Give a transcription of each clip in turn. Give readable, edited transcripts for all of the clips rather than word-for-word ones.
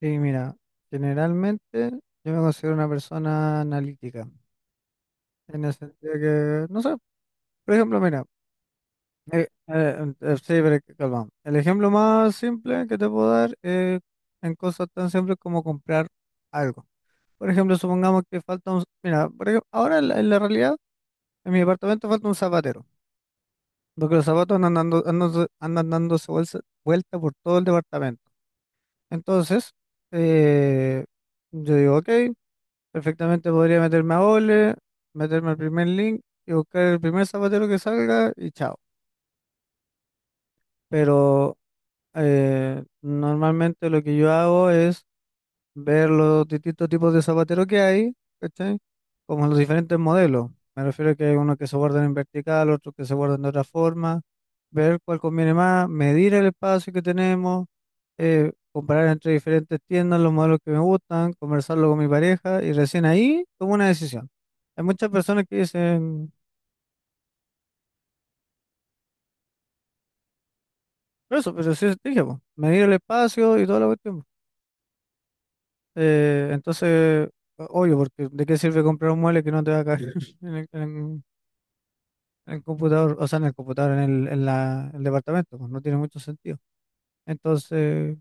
Sí, mira, generalmente yo me considero una persona analítica, en el sentido que, no sé, por ejemplo, mira, sí, pero calma. El ejemplo más simple que te puedo dar es en cosas tan simples como comprar algo. Por ejemplo, supongamos que falta un, mira, por ejemplo, ahora en la realidad, en mi departamento falta un zapatero, porque los zapatos andan dando, andan dándose vuelta, vuelta por todo el departamento. Entonces, eh, yo digo, ok. Perfectamente podría meterme a Ole, meterme al primer link y buscar el primer zapatero que salga y chao. Pero normalmente lo que yo hago es ver los distintos tipos de zapateros que hay, ¿cachai? Como los diferentes modelos. Me refiero a que hay unos que se guardan en vertical, otros que se guardan de otra forma, ver cuál conviene más, medir el espacio que tenemos, comparar entre diferentes tiendas los modelos que me gustan, conversarlo con mi pareja y recién ahí tomo una decisión. Hay muchas personas que dicen, pero eso, pero sí, dije, po, medir el espacio y toda la cuestión. Entonces, obvio, porque ¿de qué sirve comprar un mueble que no te va a caer en el, en- en el computador, o sea, en el computador, en el, en la, el departamento? Pues, no tiene mucho sentido. Entonces.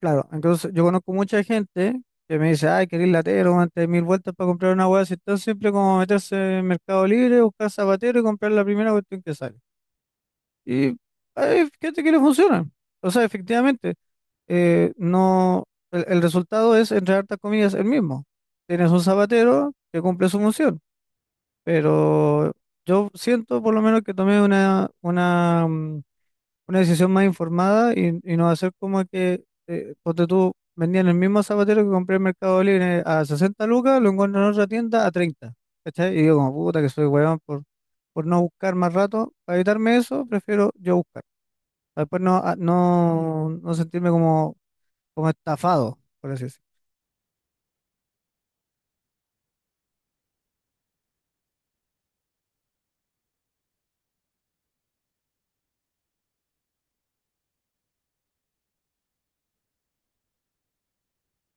Claro, entonces yo conozco mucha gente que me dice, ay, querés latero, antes de mil vueltas para comprar una hueá, si están siempre como meterse en Mercado Libre, buscar zapatero y comprar la primera cuestión que sale. Y ay, fíjate que le funciona. O sea, efectivamente, no, el resultado es, entre hartas comillas, el mismo. Tienes un zapatero que cumple su función, pero yo siento por lo menos que tomé una decisión más informada y no va a ser como que, ponte tú, vendían el mismo zapatero que compré en Mercado Libre a 60 lucas, lo encuentro en otra tienda a 30, ¿cachai? Y digo, como puta que soy weón por no buscar más rato, para evitarme eso, prefiero yo buscar, para después no sentirme como estafado, por así decirlo.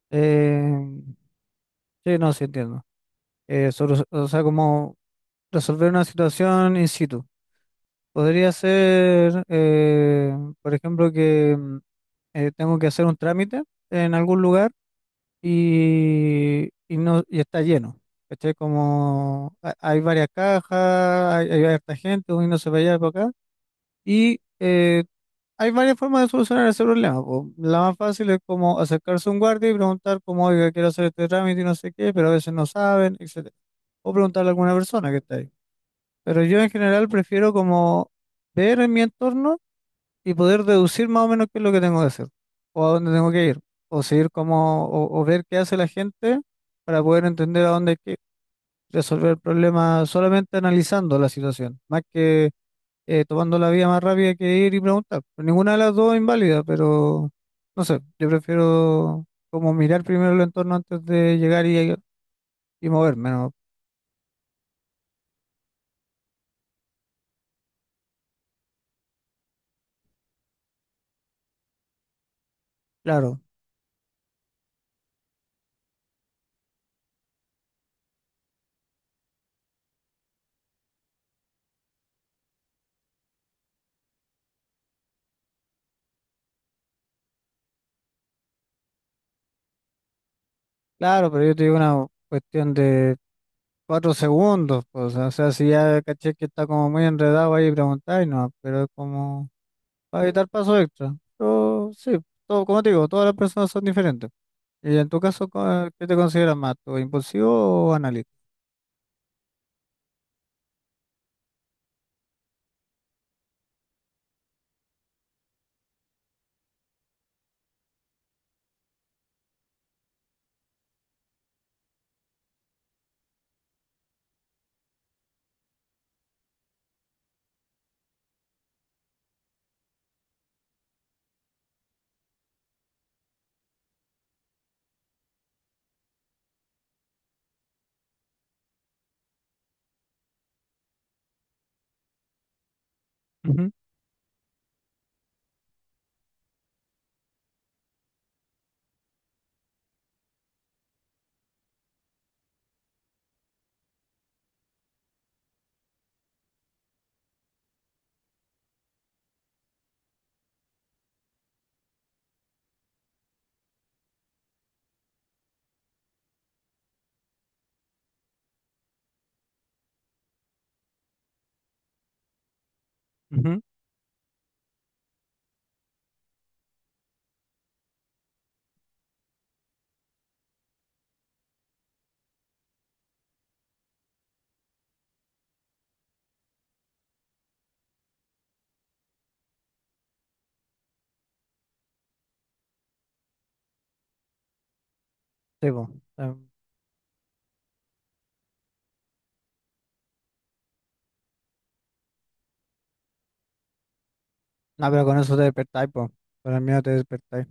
Eh, sí, no, sí entiendo. O sea, como resolver una situación in situ. Podría ser, por ejemplo, que tengo que hacer un trámite en algún lugar y no, y está lleno. ¿Cachai? Como hay varias cajas, hay harta gente, uno no se va allá y para acá. Y hay varias formas de solucionar ese problema, po. La más fácil es como acercarse a un guardia y preguntar como, oiga, quiero hacer este trámite y no sé qué, pero a veces no saben, etcétera. O preguntarle a alguna persona que está ahí. Pero yo en general prefiero como ver en mi entorno y poder deducir más o menos qué es lo que tengo que hacer, o a dónde tengo que ir, o seguir como, o ver qué hace la gente para poder entender a dónde hay que ir, resolver el problema solamente analizando la situación, más que tomando la vía más rápida que ir y preguntar. Pero ninguna de las dos es inválida, pero no sé, yo prefiero como mirar primero el entorno antes de llegar y, moverme, ¿no? Claro, claro, pero yo te digo una cuestión de 4 segundos, pues, o sea, si ya caché que está como muy enredado ahí preguntáis, no, pero es como para evitar paso extra. Pero sí, todo, como te digo, todas las personas son diferentes. Y en tu caso, ¿qué te consideras más, tú, impulsivo o analítico? Ujú, ujú. Sí, pues, no, pero con eso te despertáis, pues, con el miedo te despertáis.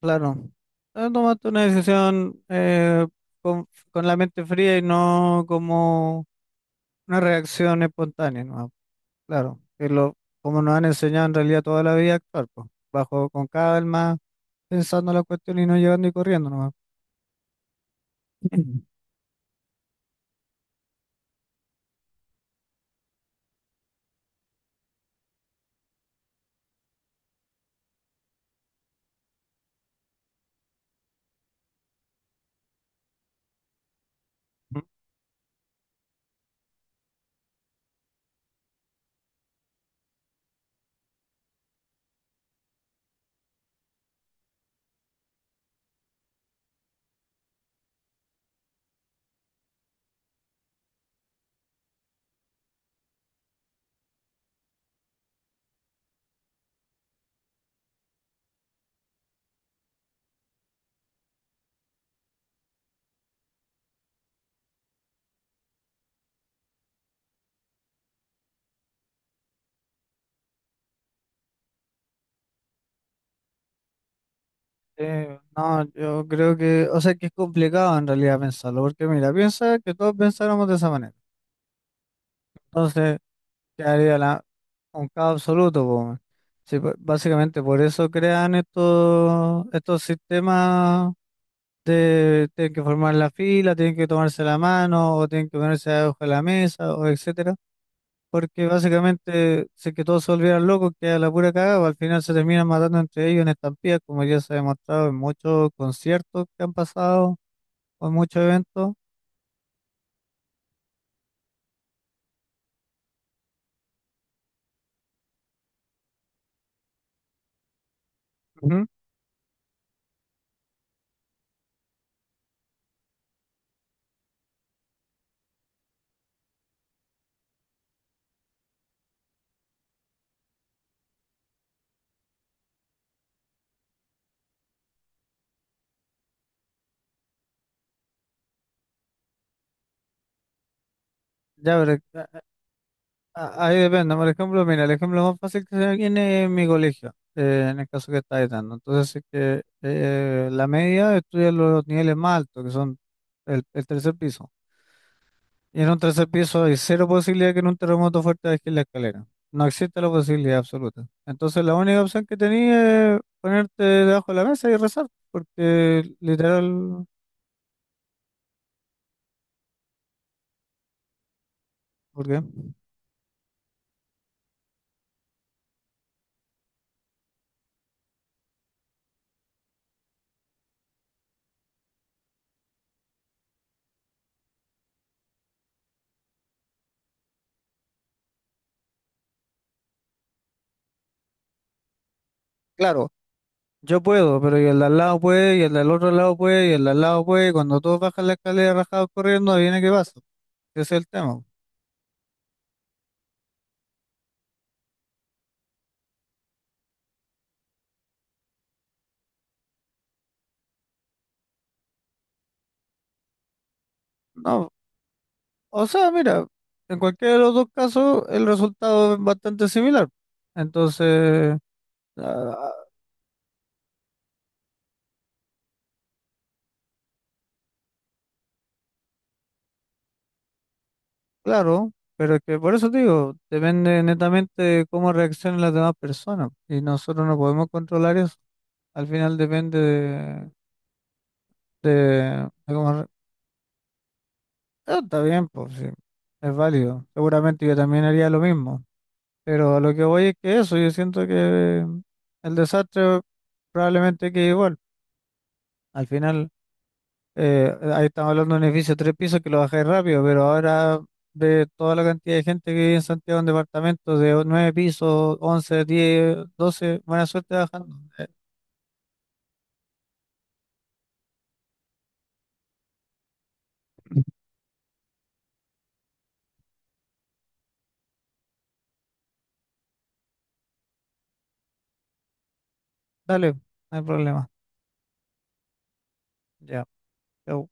Claro, tomaste una decisión, con la mente fría y no como una reacción espontánea, ¿no? Claro, que lo, como nos han enseñado en realidad toda la vida a actuar, pues, bajo con calma, pensando la cuestión y no llegando y corriendo nomás. Ujú. No, yo creo que, o sea, que es complicado en realidad pensarlo, porque mira, piensa que todos pensáramos de esa manera. Entonces, quedaría la, un caos absoluto, po, weón. Sí, básicamente por eso crean estos sistemas de tienen que formar la fila, tienen que tomarse la mano, o tienen que ponerse debajo de la mesa, o etcétera, porque básicamente si que todos se volvieran locos, queda la pura cagada, pues, al final se terminan matando entre ellos en estampillas, como ya se ha demostrado en muchos conciertos que han pasado o en muchos eventos. Ujú. Ya, pero ahí depende. Por ejemplo, mira, el ejemplo más fácil que se me viene es mi colegio, en el caso que está dando. Entonces, si es que la media estudia los niveles más altos, que son el tercer piso. Y en un tercer piso hay cero posibilidad que en un terremoto fuerte bajes la escalera. No existe la posibilidad absoluta. Entonces la única opción que tenía es ponerte debajo de la mesa y rezar, porque literal, porque claro, yo puedo, pero y el de al lado puede, y el del otro lado puede, y el de al lado puede, y cuando todos bajan la escalera rajados corriendo, viene qué pasa. Ese es el tema. No, o sea, mira, en cualquiera de los dos casos el resultado es bastante similar. Entonces, ah, claro, pero es que por eso te digo, depende netamente de cómo reaccionen las demás personas y nosotros no podemos controlar eso. Al final depende de, de cómo. Ah, está bien, pues sí, es válido. Seguramente yo también haría lo mismo, pero a lo que voy es que eso, yo siento que el desastre probablemente quede igual. Al final. Ahí estamos hablando de un edificio de tres pisos que lo bajáis rápido, pero ahora ve toda la cantidad de gente que vive en Santiago en departamentos de nueve pisos, 11, 10, 12. Buena suerte bajando. Dale, no hay problema. Ya. Chau.